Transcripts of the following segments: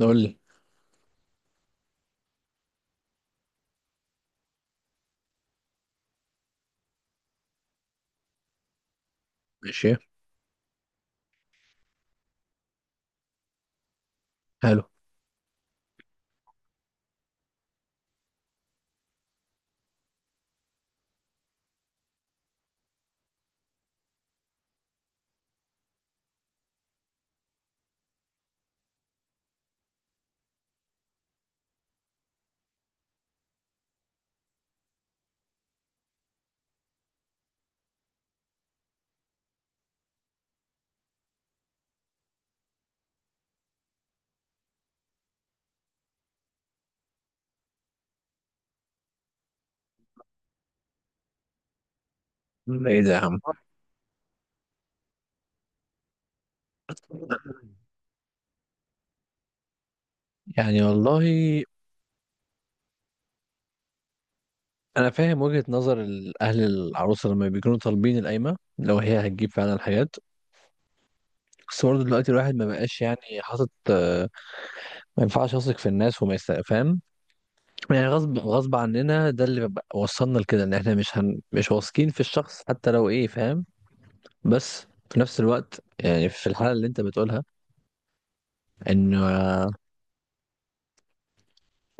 نقول لي. ماشي. حلو. ايه ده يا عم؟ يعني والله انا فاهم وجهة نظر اهل العروسه لما بيكونوا طالبين القايمه لو هي هتجيب فعلا الحاجات. بس برضه دلوقتي الواحد ما بقاش يعني حاطط ما ينفعش يثق في الناس فاهم، يعني غصب غصب عننا، ده وصلنا لكده ان احنا مش واثقين في الشخص حتى لو ايه فاهم. بس في نفس الوقت، يعني في الحالة اللي انت بتقولها، ان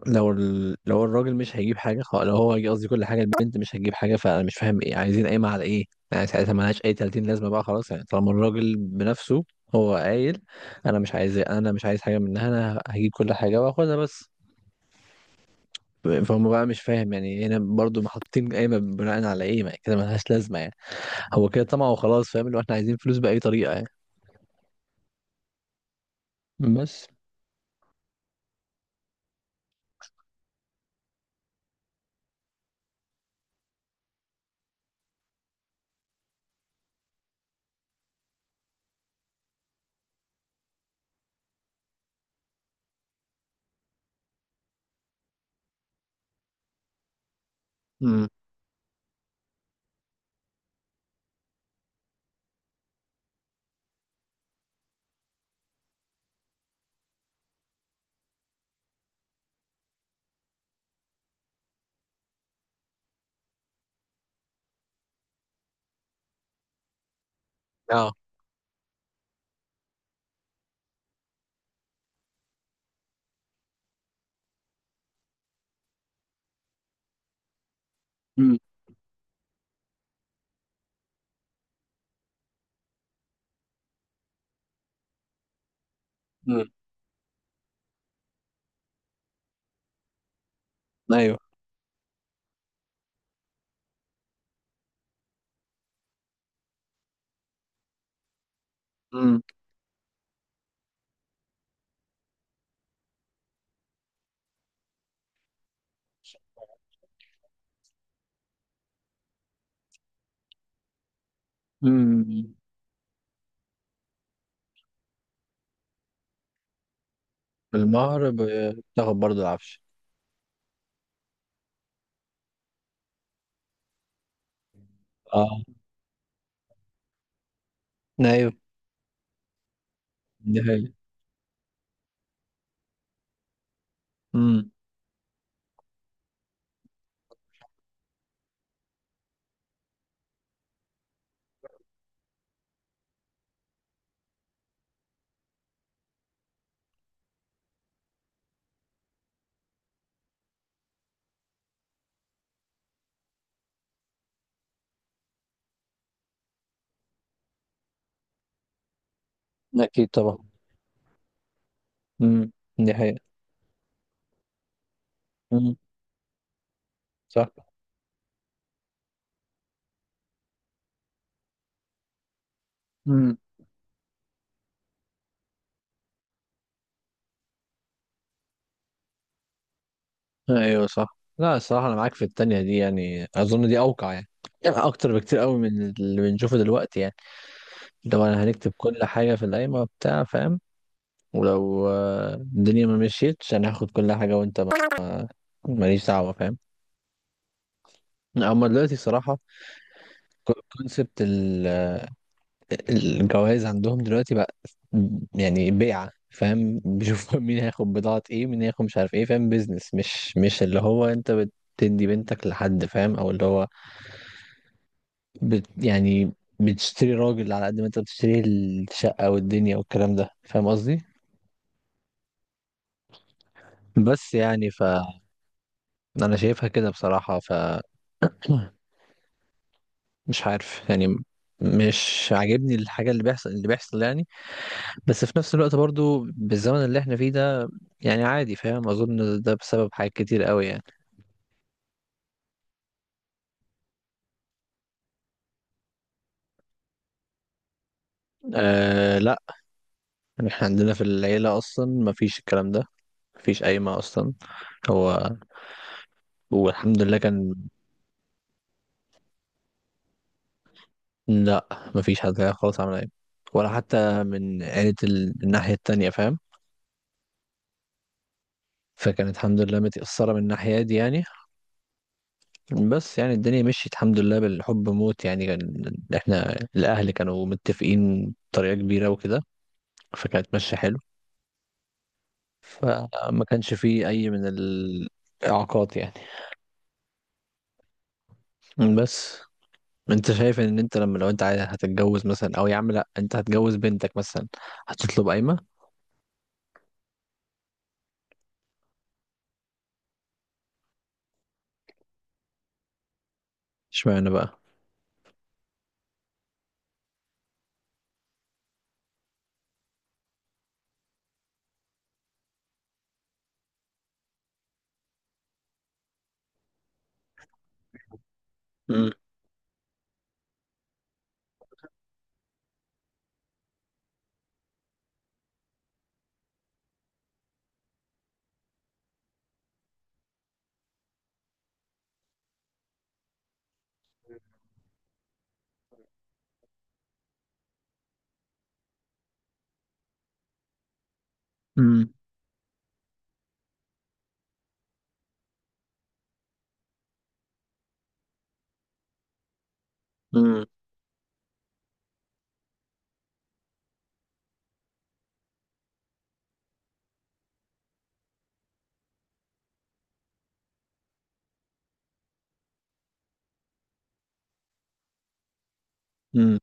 لو الراجل مش هيجيب قصدي كل حاجة البنت مش هتجيب حاجة، فأنا مش فاهم إيه، عايزين قايمة على إيه؟ يعني ساعتها ملهاش أي 30 لازمة بقى خلاص، يعني طالما الراجل بنفسه هو قايل أنا مش عايز، أنا مش عايز حاجة منها، أنا هجيب كل حاجة وآخدها بس. فهم بقى مش فاهم يعني إيه، هنا برضو محطين قايمة بناء على إيه؟ ما كده ملهاش لازمة يعني. هو كده طمع وخلاص، فاهم؟ اللي هو إحنا عايزين فلوس بأي طريقة يعني. بس. امم. اه. مم. مم. أيوه. مم. مم. المهر بتاخد برضو العفش. ايوه دي حقيقة. امم. اكيد طبعا. امم. دي حقيقة. امم. صح. امم. ايوه صح. لا الصراحة انا معاك في التانية دي، يعني اظن دي اوقع يعني، يعني اكتر بكتير قوي من اللي بنشوفه دلوقتي يعني. لو انا هنكتب كل حاجة في القايمة بتاع فاهم، ولو الدنيا ما مشيتش انا هاخد كل حاجة وانت ما- ماليش دعوة فاهم. اما دلوقتي صراحة كونسبت الجواز عندهم دلوقتي بقى يعني بيعة، فاهم؟ بيشوفوا مين هياخد بضاعة ايه، مين هياخد مش عارف ايه، فاهم؟ بيزنس، مش اللي هو انت بتدي بنتك لحد فاهم، او اللي هو بت يعني بتشتري راجل على قد ما انت بتشتري الشقة والدنيا والكلام ده، فاهم قصدي؟ بس يعني ف، انا شايفها كده بصراحة ف مش عارف يعني، مش عاجبني الحاجة اللي بيحصل اللي بيحصل يعني. بس في نفس الوقت برضو بالزمن اللي احنا فيه ده يعني عادي فاهم، اظن ده بسبب حاجات كتير قوي يعني. آه لا، احنا عندنا في العيلة اصلا ما فيش الكلام ده، ما فيش قايمة اصلا. هو والحمد لله كان. لا ما فيش حد كده خالص عمل قايمة، ولا حتى من عيلة الناحية التانية فاهم. فكانت الحمد لله متأثرة من الناحية دي يعني. بس يعني الدنيا مشيت الحمد لله بالحب موت يعني، كان احنا الاهل كانوا متفقين بطريقة كبيرة وكده، فكانت ماشية حلو. فما كانش فيه اي من الاعاقات يعني. بس انت شايف ان انت لما لو انت عايز هتتجوز مثلا، او يا عم لا انت هتجوز بنتك مثلا، هتطلب قايمة؟ اشمعنى بقى؟ امم. امم. امم. امم.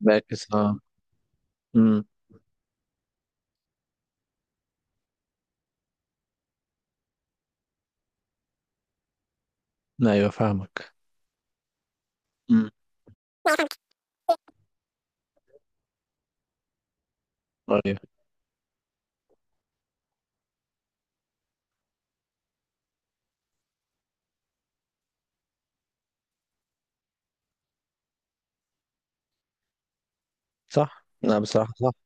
باكس اه. امم. ايوه فاهمك. امم. ايوه صح. لا بصراحة صح.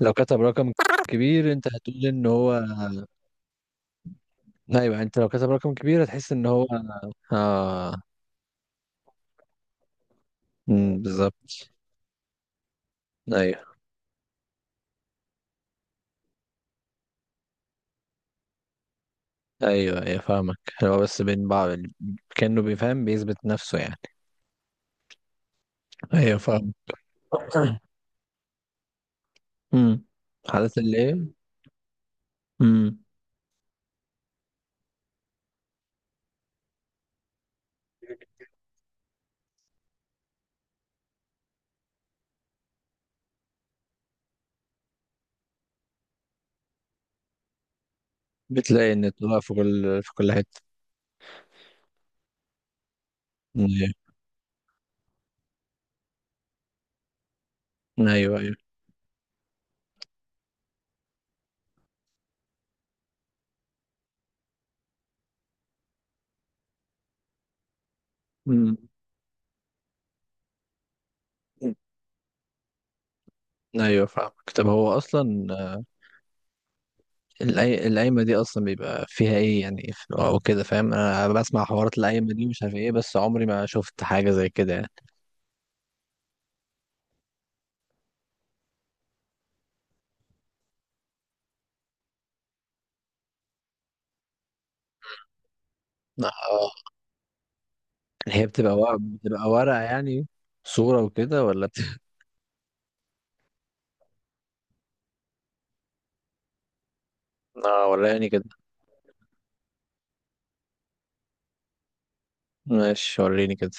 لو كتب رقم كبير انت هتقول ان هو. ايوه انت لو كتب رقم كبير هتحس ان هو. اه. بالظبط. ايوه. ايوه. ايوه فاهمك. هو بس بين بعض كأنه بيفهم بيثبت نفسه يعني. ايوه فاهم. امم. حالات اللي ايه؟ امم. بتلاقي ان طلع في كل حتة. أمم. ايوه. ايوه. امم. ايوه فاهمك. طب هو اصلا القايمة دي اصلا بيبقى فيها ايه يعني او كده فاهم؟ انا بسمع حوارات القايمة دي مش عارف ايه، بس عمري ما شفت حاجة زي كده يعني. آه. هي بتبقى ورق، بتبقى ورقة يعني، صورة وكده ولا آه ولا يعني كده. ماشي وريني كده.